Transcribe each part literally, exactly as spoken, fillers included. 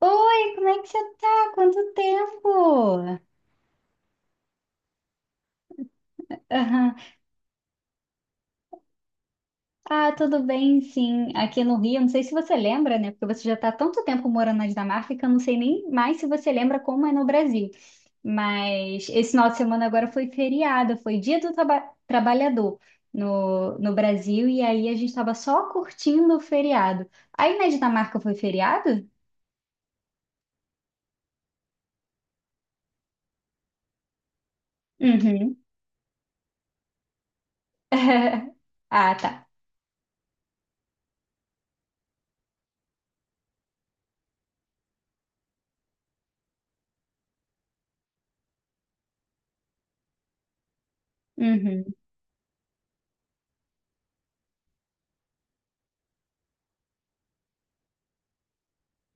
Oi, como é que você tá? Quanto tempo? Aham. Ah, tudo bem, sim. Aqui no Rio, não sei se você lembra, né? Porque você já está há tanto tempo morando na Dinamarca que eu não sei nem mais se você lembra como é no Brasil. Mas esse final de semana agora foi feriado, foi Dia do Traba- Trabalhador no, no Brasil, e aí a gente estava só curtindo o feriado. Aí na Dinamarca foi feriado? Uhum. Ah, tá. Uhum.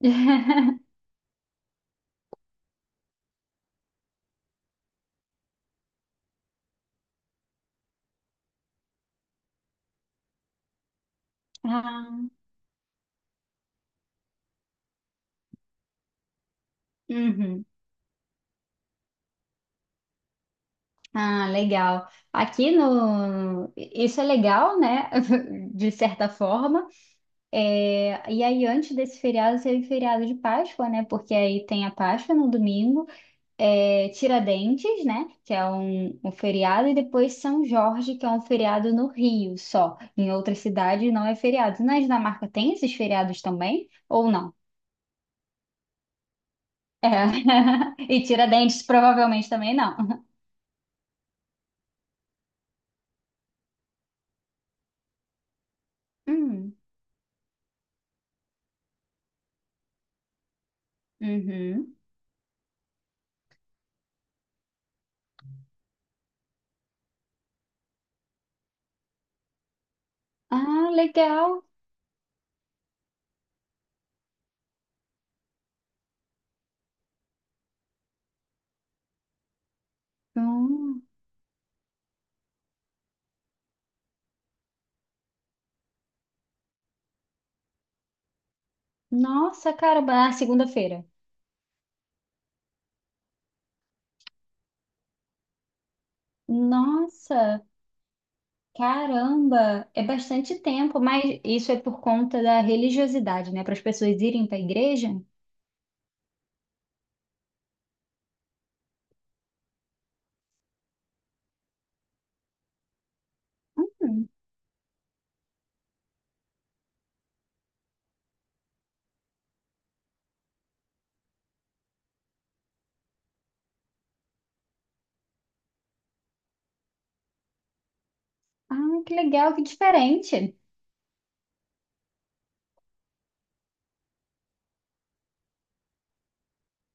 Ah, uhum. Ah, legal. Aqui no. Isso é legal, né? De certa forma. É, e aí, antes desse feriado, teve feriado de Páscoa, né? Porque aí tem a Páscoa no domingo, é... Tiradentes, né? Que é um... um feriado, e depois São Jorge, que é um feriado no Rio só. Em outras cidades não é feriado. Na Dinamarca tem esses feriados também? Ou não? É. E Tiradentes provavelmente também não. Hum. Uhum. Ah, legal. Hum. Nossa, cara, na segunda-feira. Nossa, caramba, é bastante tempo, mas isso é por conta da religiosidade, né? Para as pessoas irem para a igreja. Hum, Ah, que legal, que diferente.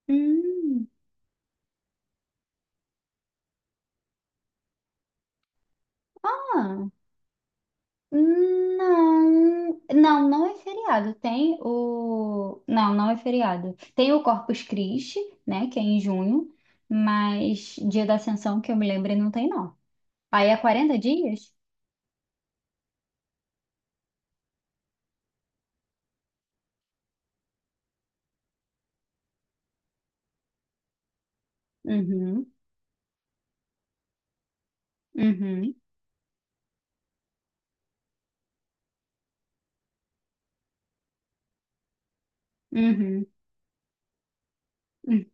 Hum, ah, hum, não, não, não é feriado. Tem o, não, não é feriado. Tem o Corpus Christi, né? Que é em junho, mas Dia da Ascensão que eu me lembre não tem não. Aí é quarenta dias? Uhum, uhum. Uhum. Hum,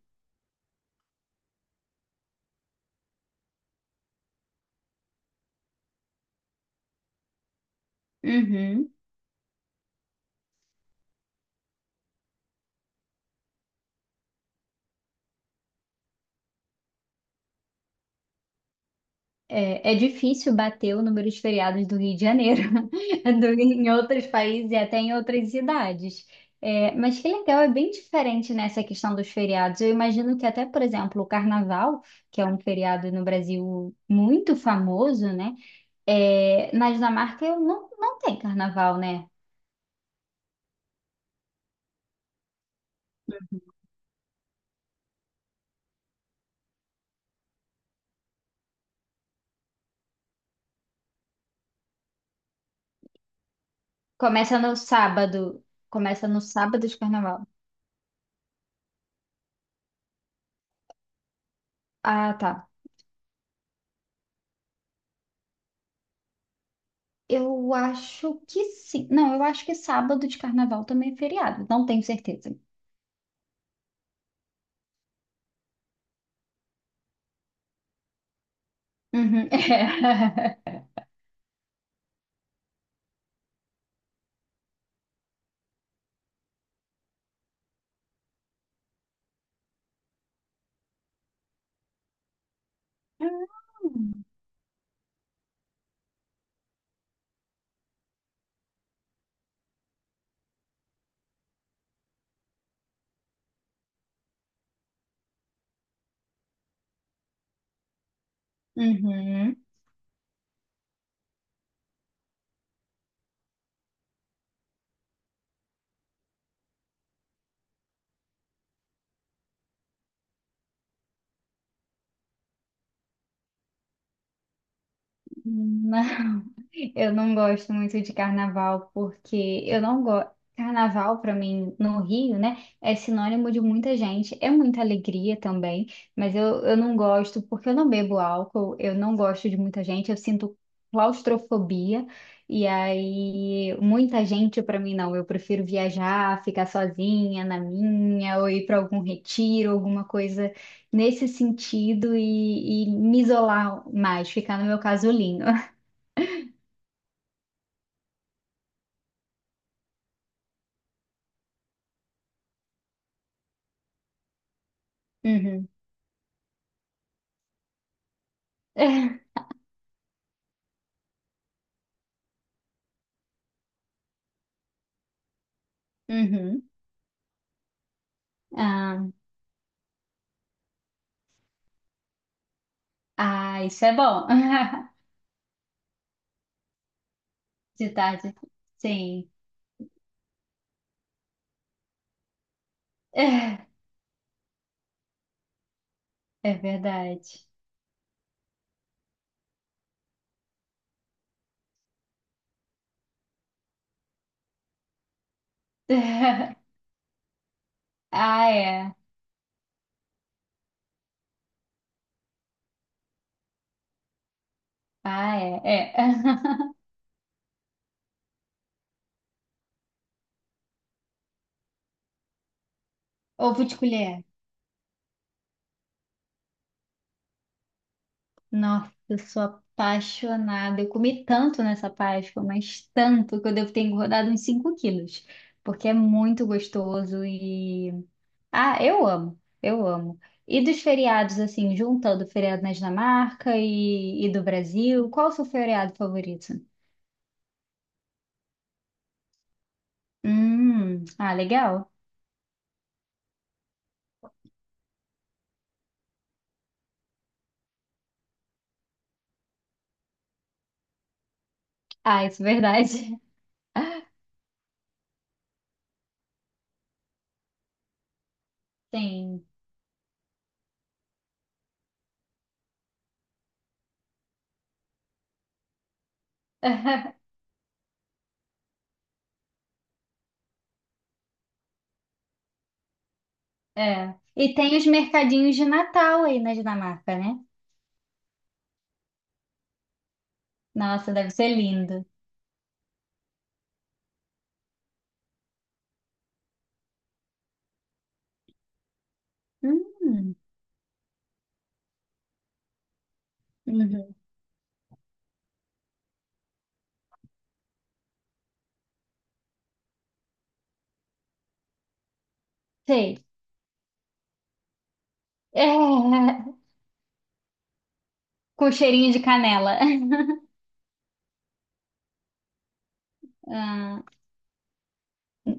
uhum. É, é difícil bater o número de feriados do Rio de Janeiro, do, em outros países e até em outras cidades. É, mas que legal, é bem diferente nessa questão dos feriados. Eu imagino que até, por exemplo, o Carnaval, que é um feriado no Brasil muito famoso, né? É, na Dinamarca eu não, não tem Carnaval, né? Começa no sábado. Começa no sábado de Carnaval. Ah, tá. Eu acho que sim. Não, eu acho que sábado de carnaval também é feriado. Não tenho certeza. Uhum. É. Uhum. Uhum. Eu não gosto muito de carnaval porque eu não gosto. Carnaval, pra mim, no Rio, né, é sinônimo de muita gente, é muita alegria também, mas eu, eu não gosto porque eu não bebo álcool, eu não gosto de muita gente, eu sinto claustrofobia, e aí muita gente pra mim não, eu prefiro viajar, ficar sozinha na minha, ou ir pra algum retiro, alguma coisa nesse sentido e, e me isolar mais, ficar no meu casulinho. Uhum. Uhum. Ah, ah, isso é bom. De tarde, sim. É verdade. Ah, é. Ah, é. É. Ovo de colher. Nossa, eu sou apaixonada. Eu comi tanto nessa Páscoa, mas tanto que eu devo ter engordado uns cinco quilos. Porque é muito gostoso e. Ah, eu amo. Eu amo. E dos feriados, assim, juntando o feriado na Dinamarca e, e do Brasil, qual o seu feriado favorito? Hum, ah, legal. Ah, isso é verdade. Sim. É. E tem os mercadinhos de Natal aí na Dinamarca, né? Nossa, deve ser lindo. Hum, uhum. Sei. É, com cheirinho de canela. Ah,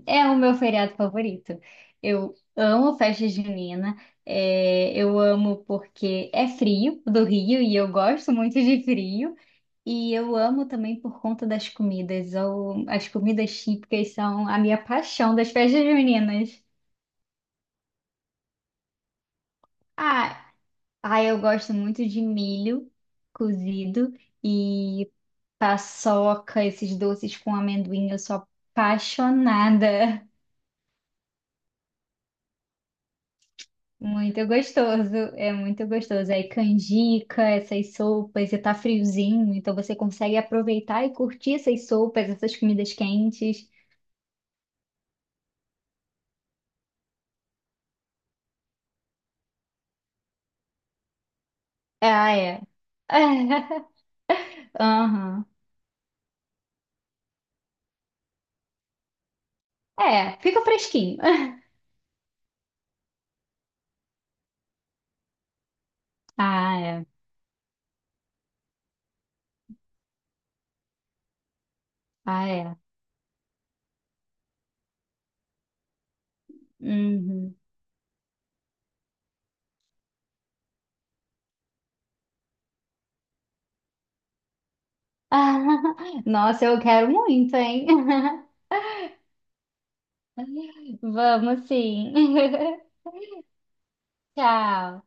é o meu feriado favorito. Eu amo festa junina. É, eu amo porque é frio do Rio e eu gosto muito de frio. E eu amo também por conta das comidas. Ou as comidas típicas são a minha paixão das festas juninas. Ah, ah, eu gosto muito de milho cozido e paçoca, esses doces com amendoim. Eu sou apaixonada. Muito gostoso, é muito gostoso. Aí canjica, essas sopas, e tá friozinho, então você consegue aproveitar e curtir essas sopas, essas comidas quentes. Ah, é. Aham. É, fica fresquinho. Ah, é. Ah, é. Uhum. Nossa, eu quero muito, hein? Vamos sim. Tchau.